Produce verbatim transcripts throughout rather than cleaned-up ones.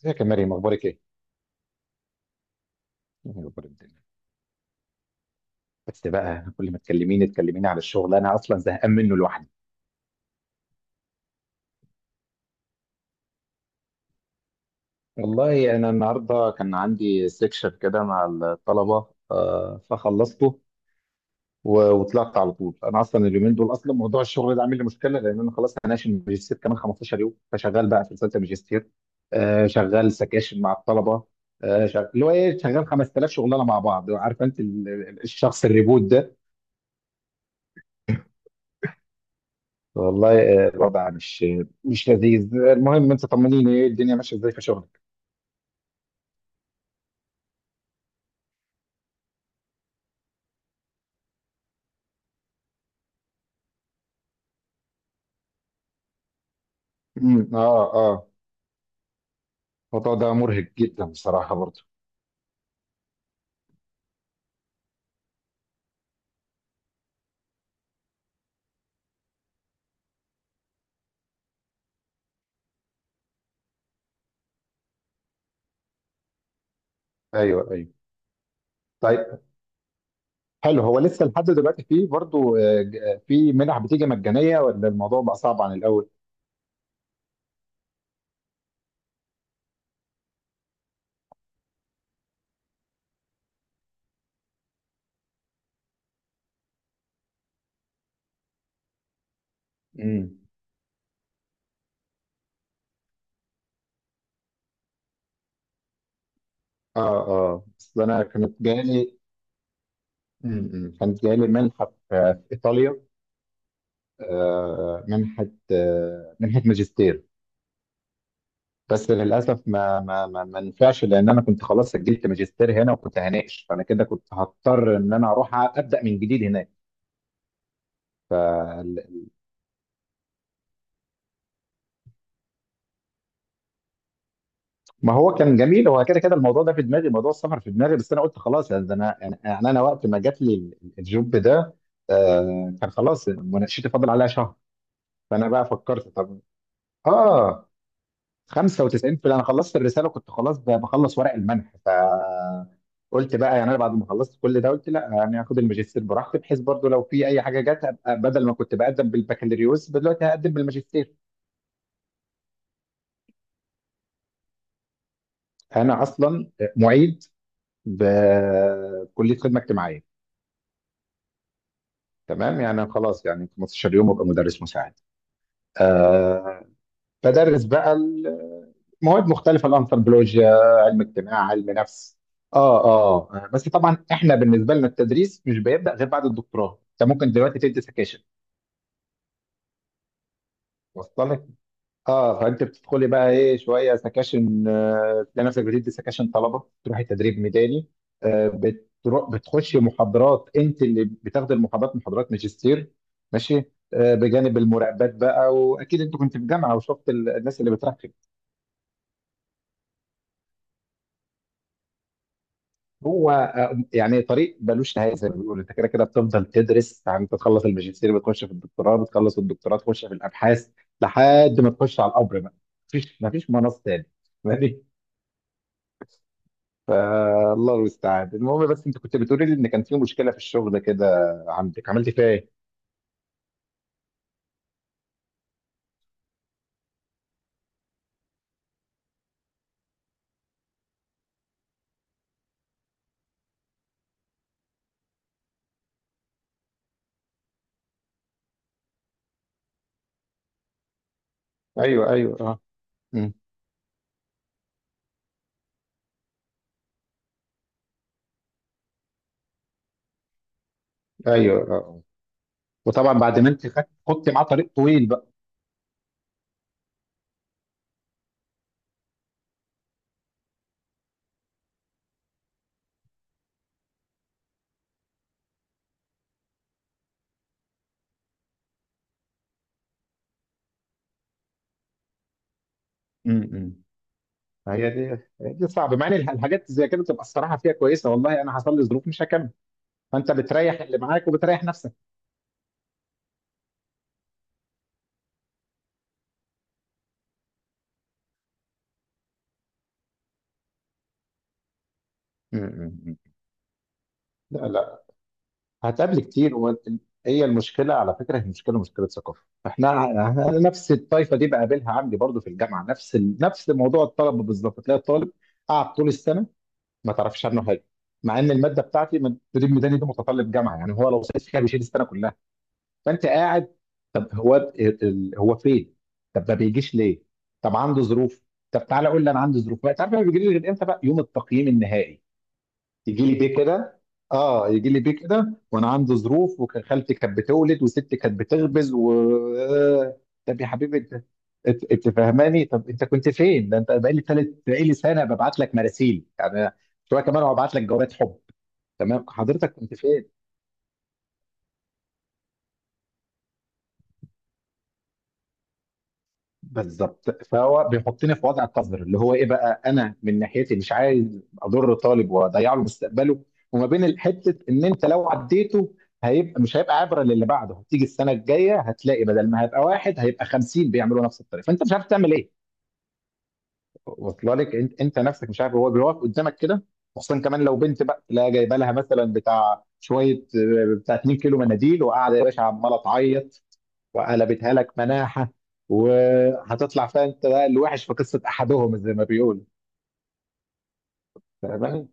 ازيك يا مريم، اخبارك ايه؟ إيه اخبار الدنيا؟ بس بقى كل ما تكلميني تكلميني على الشغل انا اصلا زهقان منه لوحدي. والله انا النهارده كان عندي سيكشن كده مع الطلبه، آه، فخلصته و- وطلعت على طول. انا اصلا اليومين دول اصلا موضوع الشغل ده عامل لي مشكله لان انا خلاص هناقش الماجستير كمان 15 يوم، فشغال بقى في رساله الماجستير. آه، شغال سكاشن مع الطلبه، آه، شغال اللي هو ايه، شغال 5000 شغلانه مع بعض. عارفه انت ال- ال- الشخص الريبوت ده؟ والله آه، الوضع مش مش لذيذ. المهم انت طمنيني، ايه الدنيا ماشيه ازاي في شغلك؟ امم، اه، اه، الموضوع ده مرهق جدا بصراحه برضه. ايوه، ايوه، طيب، حلو. هو لسه لحد دلوقتي فيه برضه آه، ج- آه، في منح بتيجي مجانيه ولا الموضوع بقى صعب عن الاول؟ امم، اه، اه، اصل انا كانت جالي. امم، كانت جالي منحه في في ايطاليا، آه، منحه آه، منحه ماجستير. بس للاسف ما ما ما ما نفعش، لان انا كنت خلاص سجلت ماجستير هنا وكنت هناقش، فانا كده كنت هضطر ان انا اروح ابدا من جديد هناك. ف ما هو كان جميل، هو كده كده الموضوع ده في دماغي، موضوع السفر في دماغي، بس انا قلت خلاص يعني ده. انا يعني يعني انا وقت ما جات لي ال- الجوب ده، آه كان خلاص مناقشتي فاضل عليها شهر، فانا بقى فكرت. طب، اه خمسة وتسعين في انا خلصت الرساله، كنت خلاص ب- بخلص ورق المنح، فقلت بقى يعني انا بعد ما خلصت كل ده قلت لا، يعني هاخد الماجستير براحتي، بحيث برضو لو في اي حاجه جت ابقى، بدل ما كنت بقدم بالبكالوريوس دلوقتي هقدم بالماجستير. انا اصلا معيد بكليه خدمه اجتماعيه. تمام يعني خلاص، يعني 15 يوم ابقى مدرس مساعد. آه، بدرس بقى ال- مواد مختلفه، الانثروبولوجيا، علم اجتماع، علم نفس. اه، اه، بس طبعا احنا بالنسبه لنا التدريس مش بيبدا غير بعد الدكتوراه، انت ممكن دلوقتي تدي سكاشن. وصل لك؟ اه. فانت بتدخلي بقى ايه، شويه سكاشن، آه، تلاقي نفسك بتدي سكاشن طلبه، تروحي تدريب ميداني، آه بتروح بتخشي محاضرات، انت اللي بتاخدي المحاضرات، محاضرات ماجستير. ماشي. آه بجانب المراقبات بقى، واكيد انت كنت في جامعه وشفت ال- الناس اللي بتراقب. هو آه، يعني طريق ملوش نهايه، زي ما بيقولوا، انت كده كده بتفضل تدرس. يعني انت تخلص الماجستير بتخش في الدكتوراه، بتخلص الدكتوراه تخش في الابحاث، لحد ما تخش على القبر بقى. مفيش مفيش مناص تاني. ماشي، فالله المستعان. المهم، بس انت كنت بتقولي لي ان كان في مشكله في الشغل كده عندك، عملت فيها ايه؟ ايوه، ايوه، اه. أمم. ايوه، اه، آه. وطبعا بعد ما انت خدت خدت معاه طريق طويل بقى. امم هي دي هي دي صعبه، مع ان الح- الحاجات زي كده تبقى الصراحه فيها كويسه، والله انا حصل لي ظروف مش هكمل، فانت بتريح اللي معاك وبتريح نفسك. م- م- م. لا، لا، هتقابل كتير وال- هي المشكله على فكره، هي مشكله مشكله ثقافه. احنا أنا نفس الطائفه دي بقابلها عندي برضو في الجامعه، نفس ال... نفس موضوع الطلبه. بالظبط، تلاقي الطالب قاعد طول السنه ما تعرفش عنه حاجه، مع ان الماده بتاعتي من تدريب ميداني دي متطلب جامعه، يعني هو لو سقط فيها بيشيل السنه كلها. فانت قاعد، طب هو ال- ال- هو فين؟ طب ما بيجيش ليه؟ طب عنده ظروف، طب تعالى قول لي انا عندي ظروف بقى. تعرف ما بيجيليش غير امتى بقى؟ يوم التقييم النهائي. يجي لي بيه كده، اه، يجي لي بيه كده وانا عندي ظروف وكان خالتي كانت بتولد وستي كانت بتخبز و آه، طب يا حبيبي انت، انت أنت فاهماني؟ طب انت كنت فين ده؟ انت بقالي ثلاث بقالي سنه ببعت لك مراسيل، يعني شويه كمان وابعت لك جوابات حب. تمام حضرتك، كنت فين؟ بالظبط. فهو بيحطني في وضع قذر، اللي هو ايه بقى، انا من ناحيتي مش عايز اضر طالب واضيع له مستقبله، وما بين حته ان انت لو عديته هيبقى، مش هيبقى عبره للي بعده، هتيجي السنه الجايه هتلاقي بدل ما هيبقى واحد هيبقى خمسين بيعملوا نفس الطريقه، فانت مش عارف تعمل ايه. واصله لك؟ انت, انت نفسك مش عارف، هو بيقف قدامك كده، خصوصا كمان لو بنت بقى تلاقي جايبه لها مثلا بتاع شويه، آه، بتاع 2 كيلو مناديل وقاعده يا باشا عماله تعيط، وقلبتها لك مناحة، وهتطلع فيها انت بقى الوحش في قصة احدهم زي ما بيقولوا. فاهماني؟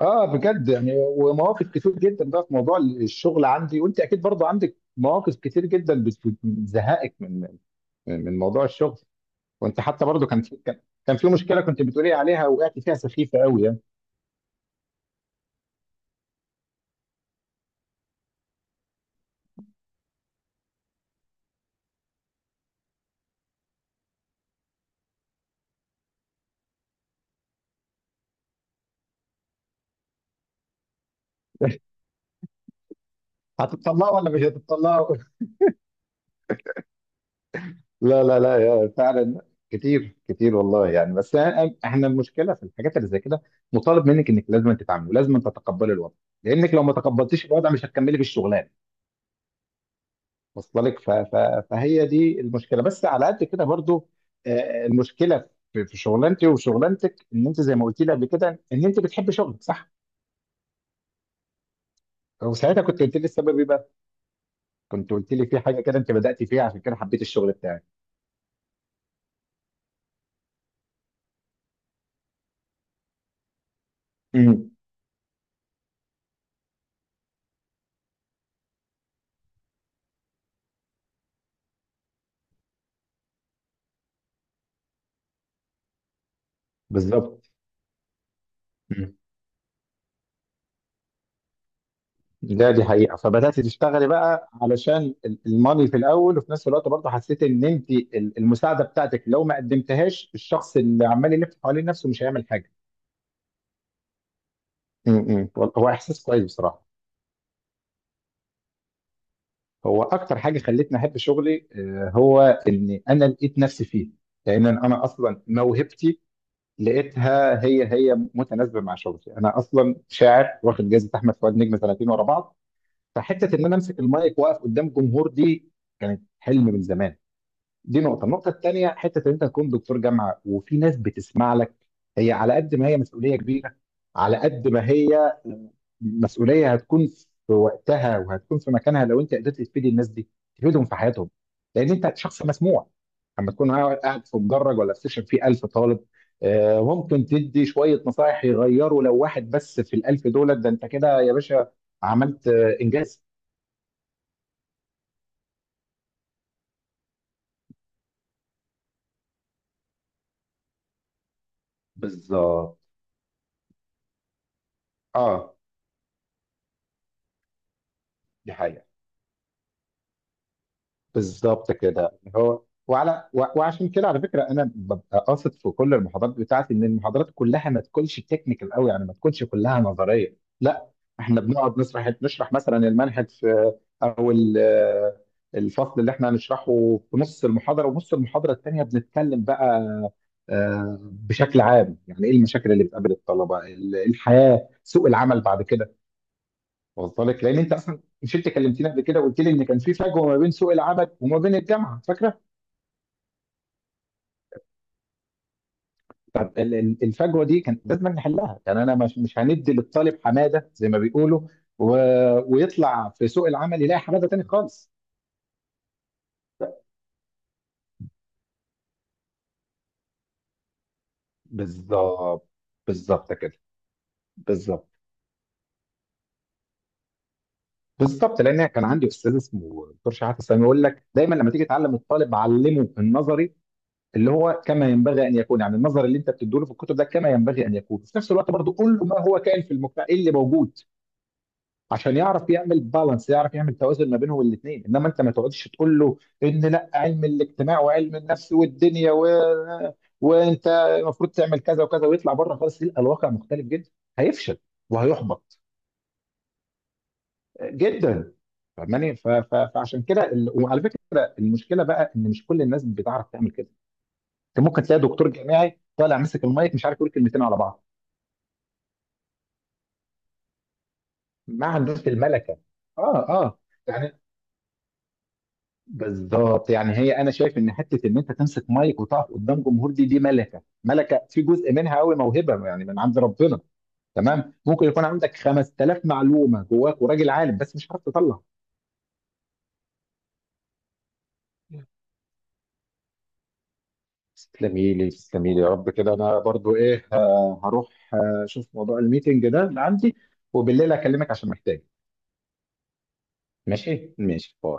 اه، بجد يعني. ومواقف كتير جدا بقى في موضوع الشغل عندي، وانت اكيد برضه عندك مواقف كتير جدا بت- بتزهقك من من موضوع الشغل. وانت حتى برضه كان في كان كان في مشكلة كنت بتقولي عليها وقعت فيها سخيفة قوي يعني. هتطلقوا ولا مش هتطلقوا؟ لا، لا، لا، يا فعلا. كتير كتير والله يعني. بس أنا- احنا المشكله في الحاجات اللي زي كده، مطالب منك انك لازم تتعاملي ولازم تتقبلي الوضع، لانك لو ما تقبلتيش الوضع مش هتكملي في الشغلانه. واصله لك؟ ف- ف- فهي دي المشكله. بس على قد كده برضو آه، المشكله في في شغلانتي وشغلانتك، ان انت زي ما قلت لي قبل كده ان انت بتحبي شغلك، صح؟ وساعتها كنت قلت لي السبب ايه بقى؟ كنت قلت لي في حاجه كده انت بدات فيها عشان كده حبيت الشغل بتاعك. امم بالظبط، ده دي حقيقة. فبدأت تشتغلي بقى علشان ال- الماني في الأول، وفي نفس الوقت برضه حسيت إن أنت ال- المساعدة بتاعتك لو ما قدمتهاش الشخص اللي عمال يلف حوالين نفسه مش هيعمل حاجة. امم هو إحساس كويس بصراحة. هو أكتر حاجة خلتني أحب شغلي آه، هو إن أنا لقيت نفسي فيه، لأن أنا أصلا موهبتي لقيتها هي هي متناسبة مع شغلي. أنا أصلا شاعر واخد جائزة أحمد فؤاد نجم سنتين ورا بعض، فحتة إن أنا أمسك المايك وأقف قدام جمهور دي كانت حلم من زمان. دي نقطة، النقطة التانية حتة إن أنت تكون دكتور جامعة وفي ناس بتسمع لك، هي على قد ما هي مسؤولية كبيرة، على قد ما هي مسؤولية هتكون في وقتها وهتكون في مكانها لو أنت قدرت تفيد الناس دي، تفيدهم في حياتهم، لأن أنت شخص مسموع. أما تكون قاعد قاعد في مدرج ولا في سيشن فيه 1000 طالب، آه، ممكن تدي شوية نصائح يغيروا لو واحد بس في الألف، دولت ده أنت كده يا باشا عملت آه، إنجاز. بالظبط، آه دي حقيقة. بالظبط كده. هو وعلى و- وعشان كده، على فكره، انا ببقى قاصد في كل المحاضرات بتاعتي ان المحاضرات كلها ما تكونش تكنيكال قوي، يعني ما تكونش كلها نظريه لا، احنا بنقعد نشرح، نشرح مثلا المنهج في، او ال- الفصل اللي احنا هنشرحه. في نص المحاضره، ونص المحاضره الثانيه بنتكلم بقى آه، بشكل عام يعني ايه المشاكل اللي بتقابل الطلبه ال- الحياه، سوق العمل بعد كده. واصله لك، لان انت اصلا مش انت كلمتني قبل كده وقلت لي ان كان في فجوه ما بين سوق العمل وما بين الجامعه، فاكره؟ طب ال- ال- الفجوه دي كان لازم نحلها يعني، انا مش مش هندي للطالب حماده زي ما بيقولوا و... ويطلع في سوق العمل يلاقي حماده تاني خالص. بالظبط، بالظبط كده. بالظبط. بالظبط، لان كان عندي استاذ اسمه دكتور شحاته السامي يقول لك دايما لما تيجي تعلم الطالب علمه النظري اللي هو كما ينبغي ان يكون، يعني النظر اللي انت بتديله في الكتب ده كما ينبغي ان يكون، في نفس الوقت برضه قول له ما هو كائن في المجتمع، ايه اللي موجود، عشان يعرف يعمل بالانس، يعرف يعمل توازن ما بينهم الاثنين. انما انت ما تقعدش تقول له ان لا علم الاجتماع وعلم النفس والدنيا و... وانت المفروض تعمل كذا وكذا ويطلع بره خالص يلقى الواقع مختلف جدا، هيفشل وهيحبط جدا. فاهماني؟ ف... ف... فعشان كده ال... وعلى فكره المشكله بقى ان مش كل الناس بتعرف تعمل كده، انت ممكن تلاقي دكتور جامعي طالع ماسك المايك مش عارف يقول كلمتين على بعض، ما عندوش الملكه. اه، اه، يعني بالظبط يعني، هي انا شايف ان حته ان انت تمسك مايك وتقف قدام جمهور دي دي ملكه، ملكه في جزء منها قوي موهبه يعني من عند ربنا. تمام، ممكن يكون عندك 5000 معلومه جواك وراجل عالم بس مش عارف تطلع. تسلمي لي تسلمي لي يا رب، كده انا برضو ايه، آه، هروح آه، اشوف موضوع الميتنج ده اللي عندي، وبالليل اكلمك عشان محتاج. ماشي، ماشي، باي.